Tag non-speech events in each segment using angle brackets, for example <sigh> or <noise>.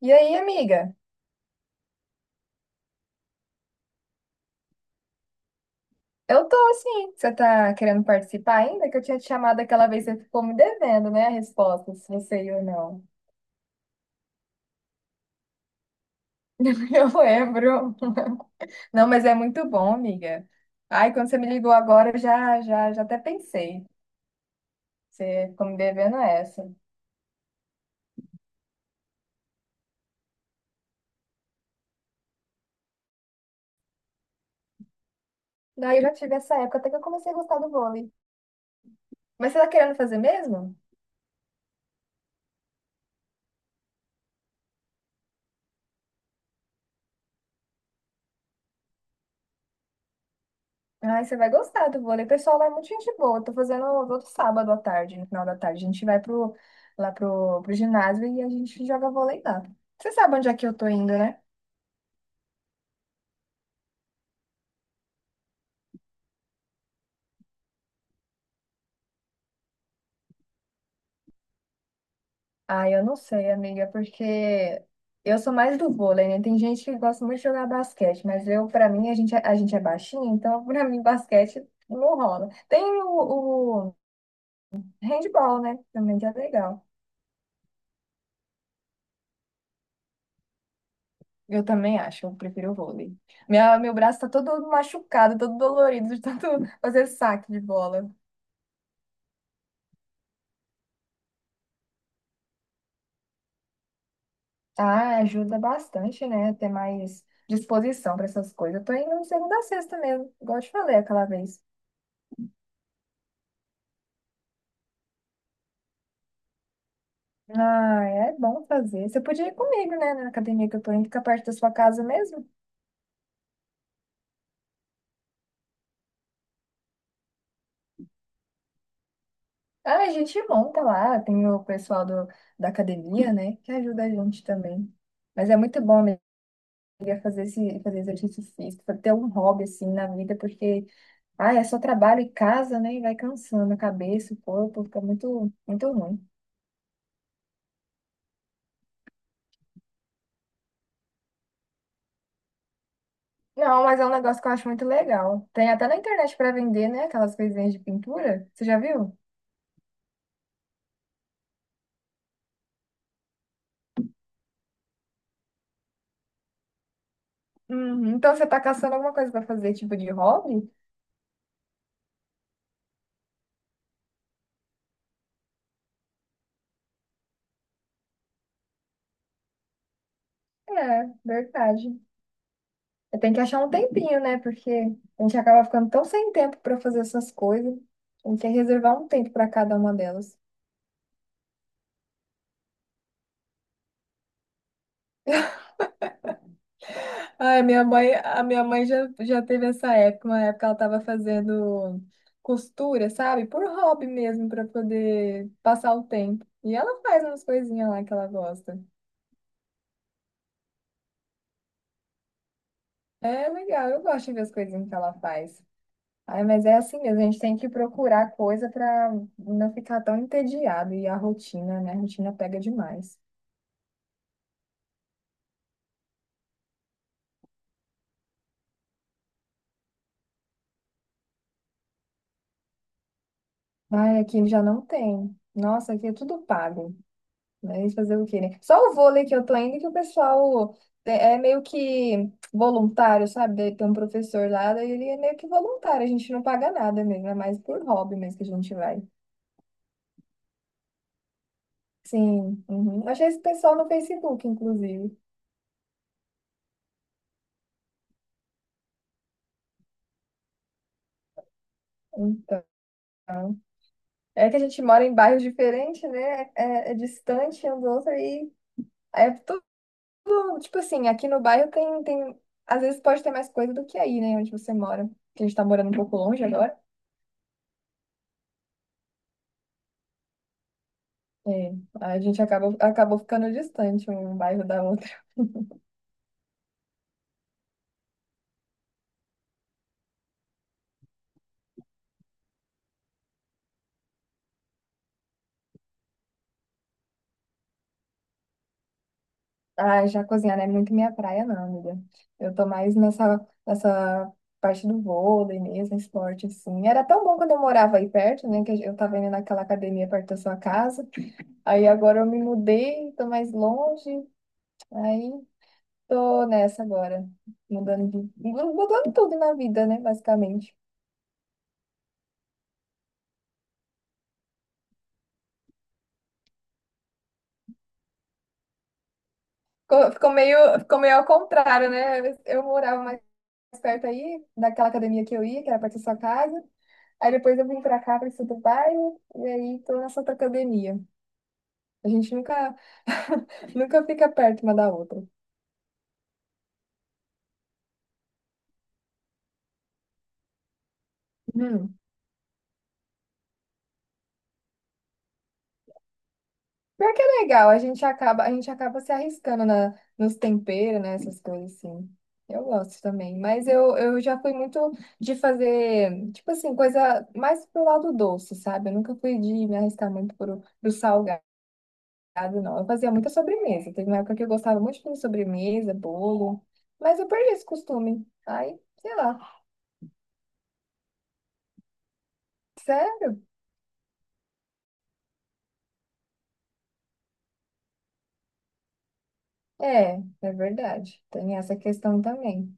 E aí, amiga? Eu tô assim. Você tá querendo participar ainda? Que eu tinha te chamado aquela vez, você ficou me devendo, né? A resposta, se você ia ou não. <laughs> Eu lembro. Não, mas é muito bom, amiga. Ai, quando você me ligou agora, eu já até pensei. Você ficou me devendo essa. Daí eu já tive essa época, até que eu comecei a gostar do vôlei. Mas você tá querendo fazer mesmo? Ai, você vai gostar do vôlei. O pessoal lá é muito gente boa. Eu tô fazendo todo sábado à tarde, no final da tarde. A gente vai lá pro ginásio e a gente joga vôlei lá. Você sabe onde é que eu tô indo, né? Ah, eu não sei, amiga, porque eu sou mais do vôlei, né? Tem gente que gosta muito de jogar basquete, mas eu, pra mim, a gente é baixinho, então <laughs> pra mim basquete não rola. Tem o handball, né? Também que é legal. Eu também acho, eu prefiro o vôlei. Meu braço tá todo machucado, todo dolorido de tanto <laughs> fazer saque de bola. Ah, ajuda bastante, né? Ter mais disposição para essas coisas. Eu tô indo segunda a sexta mesmo, igual eu te falei aquela vez. Ah, é bom fazer. Você podia ir comigo, né? Na academia que eu tô indo, fica perto da sua casa mesmo. Ah, a gente monta lá, tem o pessoal da academia, né? Que ajuda a gente também. Mas é muito bom, amiga, fazer exercício físico, ter um hobby assim na vida, porque ah, é só trabalho e casa, né? E vai cansando a cabeça, o corpo, fica muito, muito ruim. Não, mas é um negócio que eu acho muito legal. Tem até na internet para vender, né? Aquelas coisinhas de pintura. Você já viu? Uhum. Então você tá caçando alguma coisa para fazer, tipo de hobby? É, verdade. Tem que achar um tempinho, né? Porque a gente acaba ficando tão sem tempo para fazer essas coisas. A gente tem que reservar um tempo para cada uma delas. Ai, minha mãe já teve essa época, uma época ela estava fazendo costura, sabe? Por hobby mesmo, para poder passar o tempo. E ela faz umas coisinhas lá que ela gosta. É legal, eu gosto de ver as coisinhas que ela faz. Ai, mas é assim mesmo, a gente tem que procurar coisa para não ficar tão entediado. E a rotina, né? A rotina pega demais. Ai, aqui já não tem. Nossa, aqui é tudo pago. Mas fazer o quê, né? Só o vôlei que eu tô indo, que o pessoal é meio que voluntário, sabe? Daí tem um professor lá, daí ele é meio que voluntário, a gente não paga nada mesmo, é mais por hobby mesmo que a gente vai. Sim, uhum. Achei esse pessoal no Facebook, inclusive. Então, é que a gente mora em bairros diferentes, né? É, é distante um do outro e é tudo, tipo assim, aqui no bairro tem, às vezes pode ter mais coisa do que aí, né? Onde você mora. Que a gente tá morando um pouco longe agora. É, acabou ficando distante um bairro da outra. Ah, Jacozinha não é muito minha praia, não, amiga. Eu tô mais nessa parte do vôlei mesmo, esporte, assim. Era tão bom quando eu morava aí perto, né? Que eu tava indo naquela academia perto da sua casa. Aí agora eu me mudei, tô mais longe. Aí tô nessa agora. Mudando tudo na vida, né? Basicamente. Ficou meio ao contrário, né? Eu morava perto aí, daquela academia que eu ia, que era perto da sua casa. Aí depois eu vim pra cá, pra esse outro bairro, e aí tô nessa outra academia. A gente nunca, <laughs> nunca fica perto uma da outra. Hum. Pior que é legal, a gente acaba se arriscando nos temperos, né, essas coisas assim. Eu gosto também, mas eu já fui muito de fazer, tipo assim, coisa mais pro lado doce, sabe? Eu nunca fui de me arriscar muito pro salgado. Casa, não. Eu fazia muita sobremesa. Teve uma época que eu gostava muito de fazer sobremesa, bolo, mas eu perdi esse costume. Aí, sei lá. Sério? É, é verdade. Tem essa questão também.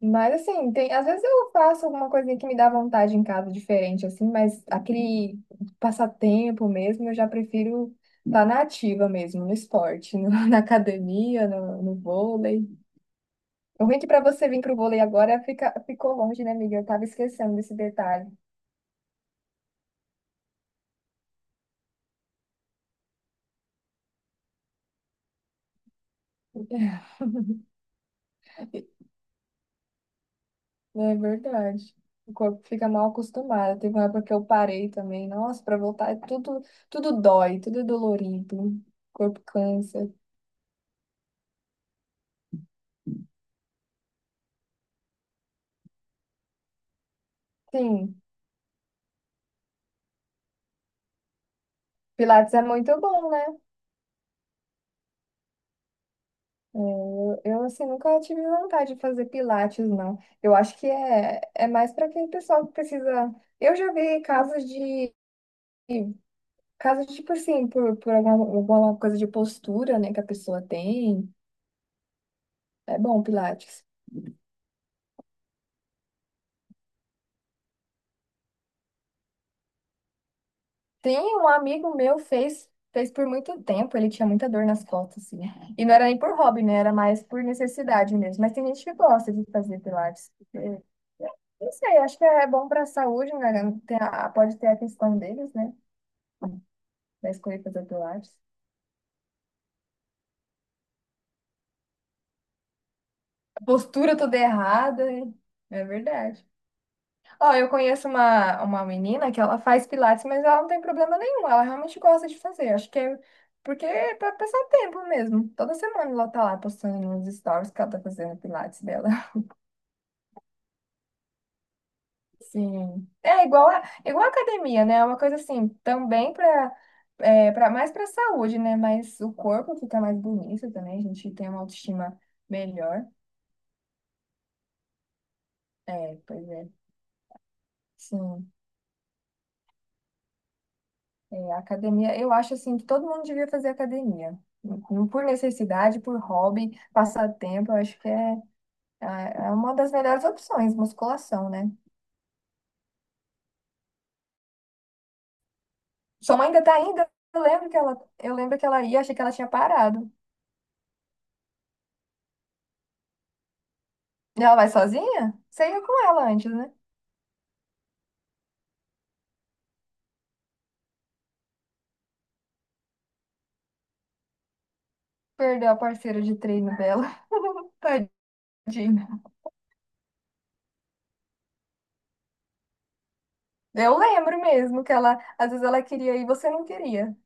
Mas assim, tem, às vezes eu faço alguma coisinha que me dá vontade em casa diferente, assim, mas aquele passatempo mesmo, eu já prefiro estar na ativa mesmo, no esporte, <laughs> na academia, no vôlei. O ruim é que pra você vir pro vôlei agora ficou longe, né, amiga? Eu tava esquecendo desse detalhe. <laughs> É verdade. O corpo fica mal acostumado. Teve uma época que eu parei também. Nossa, pra voltar é tudo, tudo dói, tudo é dolorido. O corpo cansa. Sim, Pilates é muito bom, né? É, eu assim, nunca tive vontade de fazer Pilates, não. Eu acho que é mais para aquele pessoal que precisa. Eu já vi casos de. Casos, tipo assim, por alguma, alguma coisa de postura, né, que a pessoa tem. É bom, Pilates. Tem um amigo meu fez por muito tempo, ele tinha muita dor nas costas, assim. E não era nem por hobby, né? Era mais por necessidade mesmo. Mas tem gente que gosta de fazer pilates. Eu- não sei, acho que é bom para a saúde, né? Pode ter a questão deles, né? Da escolha de fazer pilates. A postura toda errada, é verdade. Ó, eu conheço uma menina que ela faz pilates, mas ela não tem problema nenhum. Ela realmente gosta de fazer. Acho que é porque é pra passar tempo mesmo. Toda semana ela tá lá postando nos stories que ela tá fazendo pilates dela. <laughs> Sim. É igual a academia, né? É uma coisa assim, também pra, mais pra saúde, né? Mas o corpo fica mais bonito também. A gente tem uma autoestima melhor. É, pois é. Sim. É, academia, eu acho assim que todo mundo devia fazer academia. Não por necessidade, por hobby, passatempo, eu acho é uma das melhores opções, musculação, né? Sua mãe ainda tá, eu lembro que ela ia, achei que ela tinha parado. E ela vai sozinha? Você ia com ela antes, né? Perdeu a parceira de treino dela. <laughs> Tadinha. Eu lembro mesmo que ela, às vezes ela queria ir e você não queria.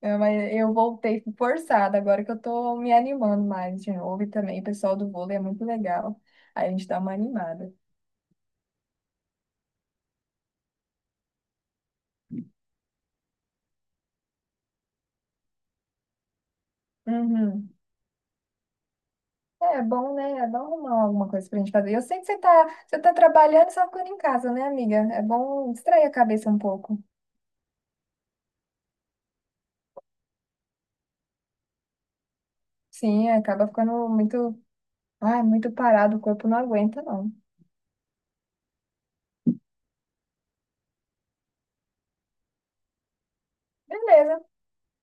É, mas eu voltei forçada, agora que eu tô me animando mais de novo. E também o pessoal do vôlei é muito legal. Aí a gente dá uma animada. Uhum. É bom, né? É bom arrumar alguma coisa pra gente fazer. Eu sei que você tá trabalhando e só ficando em casa, né, amiga? É bom distrair a cabeça um pouco. Sim, acaba ficando muito, ai, muito parado, o corpo não aguenta, não. Beleza.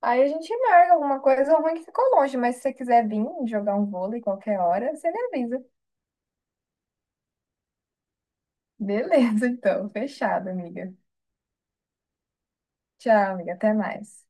Aí a gente marca alguma coisa ruim que ficou longe, mas se você quiser vir jogar um vôlei qualquer hora, você me avisa. Beleza, então. Fechado, amiga. Tchau, amiga. Até mais.